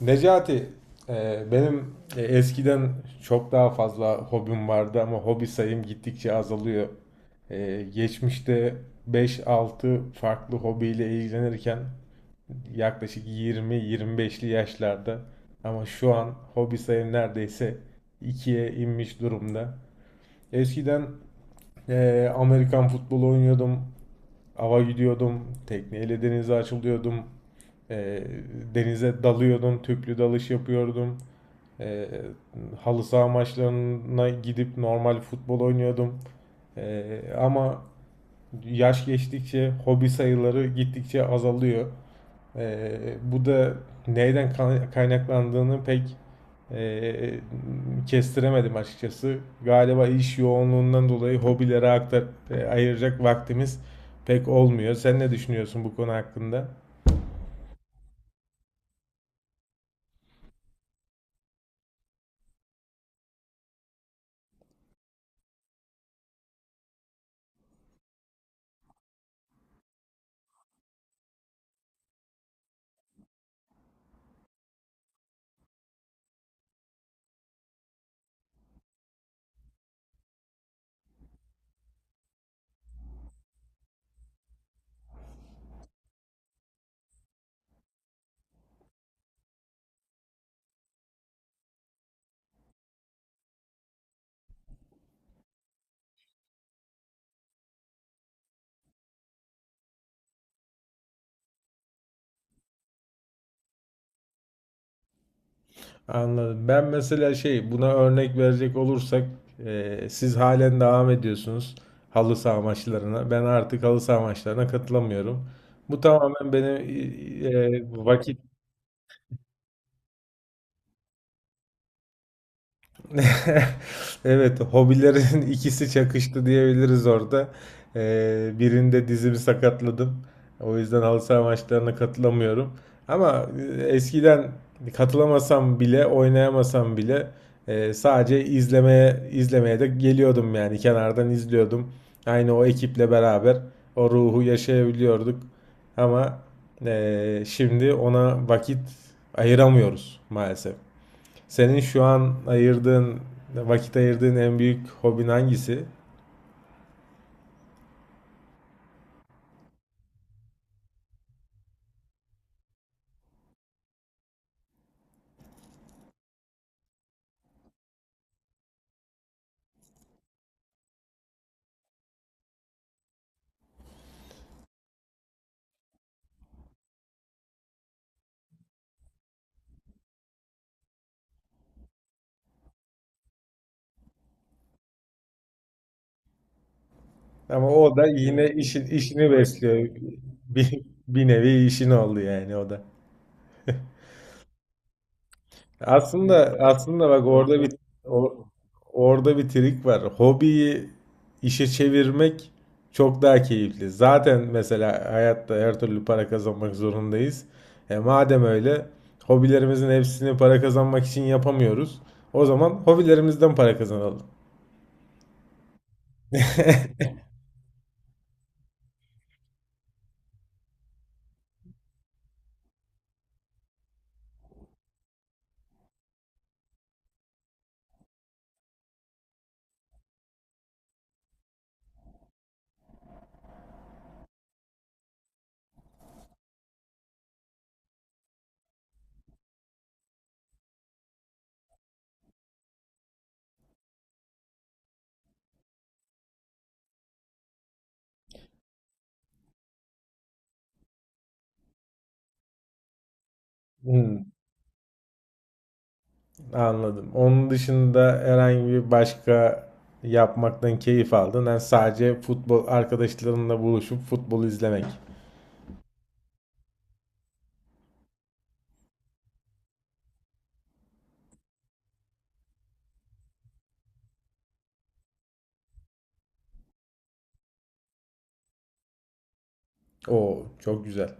Necati, benim eskiden çok daha fazla hobim vardı ama hobi sayım gittikçe azalıyor. Geçmişte beş altı farklı hobiyle ilgilenirken yaklaşık yirmi yirmi beşli yaşlarda ama şu an hobi sayım neredeyse ikiye inmiş durumda. Eskiden Amerikan futbolu oynuyordum, ava gidiyordum, tekneyle denize açılıyordum, e, denize dalıyordum, tüplü dalış yapıyordum. E, Halı saha maçlarına gidip normal futbol oynuyordum. Ama yaş geçtikçe hobi sayıları gittikçe azalıyor. Bu da neyden kaynaklandığını pek e, kestiremedim açıkçası. Galiba iş yoğunluğundan dolayı hobilere ayıracak vaktimiz pek olmuyor. Sen ne düşünüyorsun bu konu hakkında? Anladım. Ben mesela şey buna örnek verecek olursak siz halen devam ediyorsunuz halı saha maçlarına. Ben artık halı saha maçlarına katılamıyorum. Bu tamamen benim e, vakit Evet, hobilerin ikisi çakıştı diyebiliriz orada. Birinde dizimi sakatladım. O yüzden halı saha maçlarına katılamıyorum. Ama eskiden katılamasam bile, oynayamasam bile sadece izlemeye izlemeye de geliyordum, yani kenardan izliyordum. Aynı o ekiple beraber o ruhu yaşayabiliyorduk. Ama şimdi ona vakit ayıramıyoruz maalesef. Senin şu an vakit ayırdığın en büyük hobin hangisi? Ama o da yine işini besliyor. Bir nevi işin oldu yani o da. Aslında bak orada o- orada bir trik var. Hobiyi işe çevirmek çok daha keyifli. Zaten mesela hayatta her türlü para kazanmak zorundayız. E madem öyle hobilerimizin hepsini para kazanmak için yapamıyoruz. O zaman hobilerimizden para kazanalım. Hmm. Anladım. Onun dışında herhangi bir başka yapmaktan keyif aldın. Yani sadece futbol arkadaşlarınla buluşup futbol izlemek. Oo, çok güzel.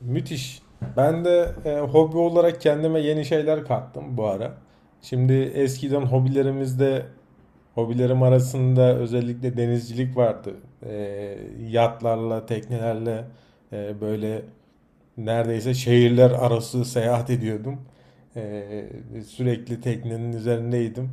Müthiş. Ben de hobi olarak kendime yeni şeyler kattım bu ara. Şimdi eskiden hobilerimizde hobilerim arasında özellikle denizcilik vardı. E, Yatlarla, teknelerle, böyle neredeyse şehirler arası seyahat ediyordum. Ee, Sürekli teknenin üzerindeydim.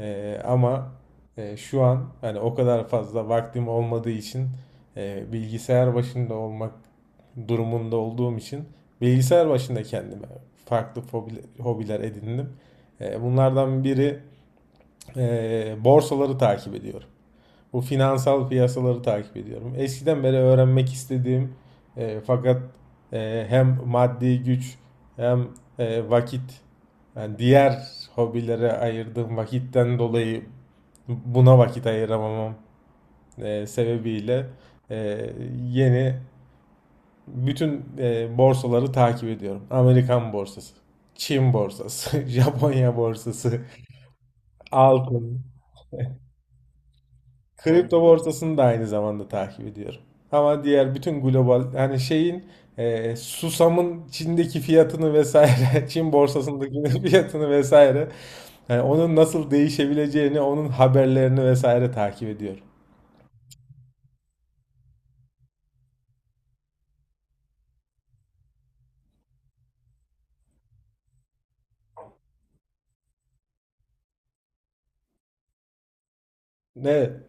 Ama şu an hani o kadar fazla vaktim olmadığı için, bilgisayar başında olmak durumunda olduğum için bilgisayar başında kendime farklı hobiler edindim. Bunlardan biri, borsaları takip ediyorum. Bu finansal piyasaları takip ediyorum. Eskiden beri öğrenmek istediğim fakat hem maddi güç hem vakit, yani diğer hobilere ayırdığım vakitten dolayı buna vakit ayıramamam sebebiyle, e, yeni bütün borsaları takip ediyorum. Amerikan borsası, Çin borsası, Japonya borsası, altın. Kripto borsasını da aynı zamanda takip ediyorum. Ama diğer bütün global hani şeyin, susamın Çin'deki fiyatını vesaire, Çin borsasındaki fiyatını vesaire, yani onun nasıl değişebileceğini, onun haberlerini vesaire takip ediyorum. Ne?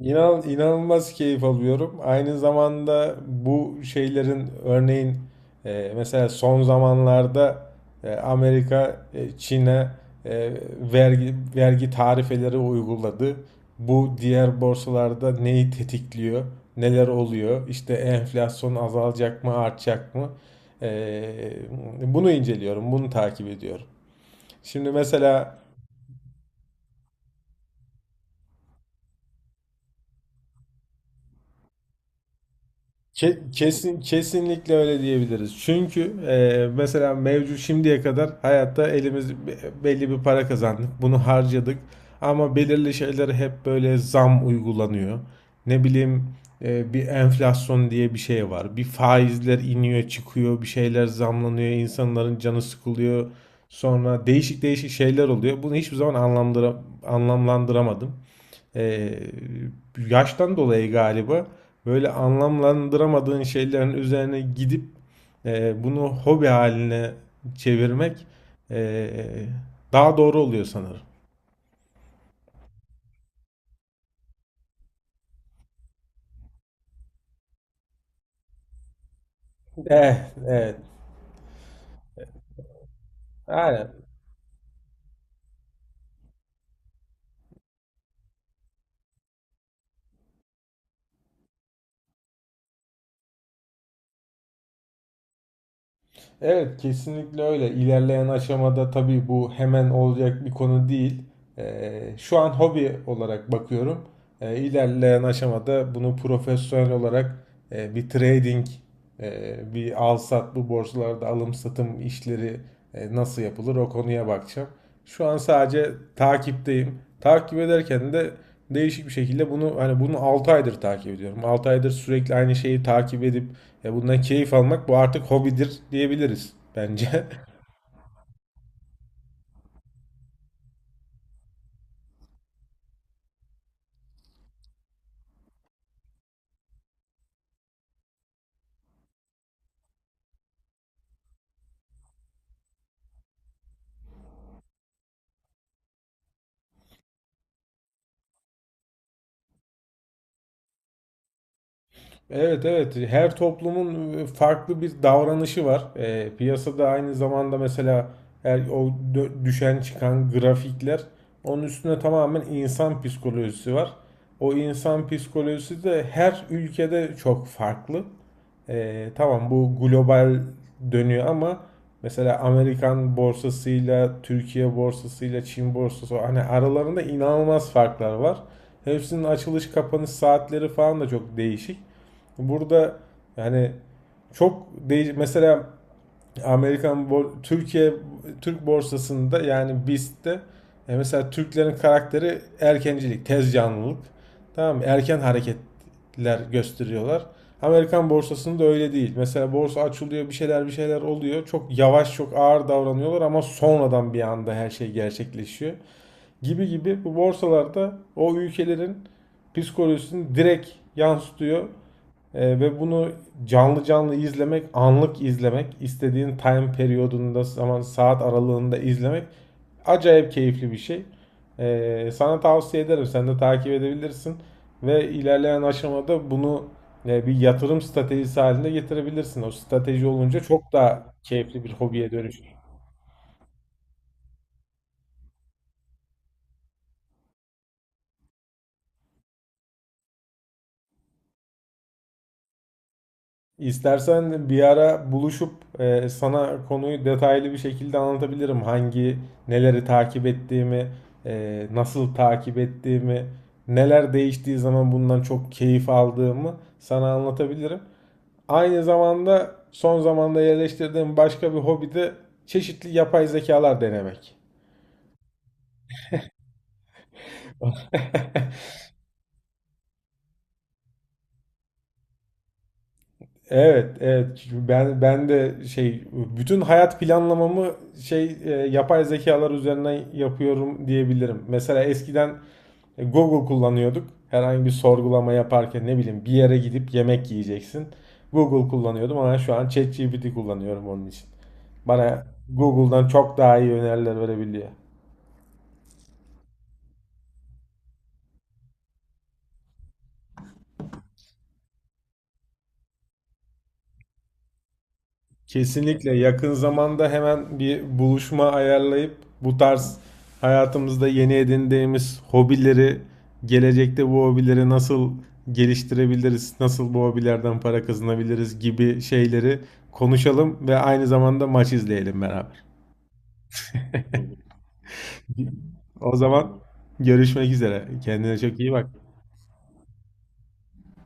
İnan, inanılmaz keyif alıyorum. Aynı zamanda bu şeylerin örneğin mesela son zamanlarda Amerika Çin'e e, vergi tarifeleri uyguladı. Bu diğer borsalarda neyi tetikliyor? Neler oluyor? İşte enflasyon azalacak mı, artacak mı? E, Bunu inceliyorum, bunu takip ediyorum. Şimdi mesela Kesinlikle öyle diyebiliriz. Çünkü mesela mevcut şimdiye kadar hayatta elimiz belli bir para kazandık. Bunu harcadık. Ama belirli şeylere hep böyle zam uygulanıyor. Ne bileyim, bir enflasyon diye bir şey var. Bir faizler iniyor çıkıyor. Bir şeyler zamlanıyor. İnsanların canı sıkılıyor. Sonra değişik değişik şeyler oluyor. Bunu hiçbir zaman anlamlandıramadım. Ee, Yaştan dolayı galiba böyle anlamlandıramadığın şeylerin üzerine gidip bunu hobi haline çevirmek e, daha doğru oluyor sanırım. Evet, evet. Aynen. Evet, kesinlikle öyle. İlerleyen aşamada tabii bu hemen olacak bir konu değil. Şu an hobi olarak bakıyorum. İlerleyen aşamada bunu profesyonel olarak, e, bir trading, bir al sat, bu borsalarda alım satım işleri nasıl yapılır, o konuya bakacağım. Şu an sadece takipteyim. Takip ederken de değişik bir şekilde bunu 6 aydır takip ediyorum. 6 aydır sürekli aynı şeyi takip edip, ya bundan keyif almak, bu artık hobidir diyebiliriz bence. Evet evet, her toplumun farklı bir davranışı var. Piyasada aynı zamanda mesela her, o düşen çıkan grafikler, onun üstüne tamamen insan psikolojisi var. O insan psikolojisi de her ülkede çok farklı. Tamam, bu global dönüyor ama mesela Amerikan borsasıyla, Türkiye borsasıyla, Çin borsası hani aralarında inanılmaz farklar var. Hepsinin açılış kapanış saatleri falan da çok değişik. Burada yani çok değiş mesela Amerikan Türkiye Türk borsasında, yani BIST'te, mesela Türklerin karakteri erkencilik, tez canlılık. Tamam mı? Erken hareketler gösteriyorlar. Amerikan borsasında öyle değil. Mesela borsa açılıyor, bir şeyler oluyor. Çok yavaş, çok ağır davranıyorlar ama sonradan bir anda her şey gerçekleşiyor. Gibi gibi bu borsalarda o ülkelerin psikolojisini direkt yansıtıyor. Ve bunu canlı canlı izlemek, anlık izlemek, istediğin time periyodunda, zaman saat aralığında izlemek acayip keyifli bir şey. Sana tavsiye ederim. Sen de takip edebilirsin ve ilerleyen aşamada bunu bir yatırım stratejisi haline getirebilirsin. O strateji olunca çok daha keyifli bir hobiye dönüşür. İstersen bir ara buluşup sana konuyu detaylı bir şekilde anlatabilirim. Neleri takip ettiğimi, nasıl takip ettiğimi, neler değiştiği zaman bundan çok keyif aldığımı sana anlatabilirim. Aynı zamanda son zamanda yerleştirdiğim başka bir hobi de çeşitli yapay zekalar denemek. Evet, evet. Çünkü ben de şey, bütün hayat planlamamı yapay zekalar üzerinden yapıyorum diyebilirim. Mesela eskiden Google kullanıyorduk. Herhangi bir sorgulama yaparken, ne bileyim, bir yere gidip yemek yiyeceksin. Google kullanıyordum ama şu an ChatGPT kullanıyorum onun için. Bana Google'dan çok daha iyi öneriler verebiliyor. Kesinlikle yakın zamanda hemen bir buluşma ayarlayıp bu tarz hayatımızda yeni edindiğimiz hobileri, gelecekte bu hobileri nasıl geliştirebiliriz, nasıl bu hobilerden para kazanabiliriz gibi şeyleri konuşalım ve aynı zamanda maç izleyelim beraber. O zaman görüşmek üzere. Kendine çok iyi bak.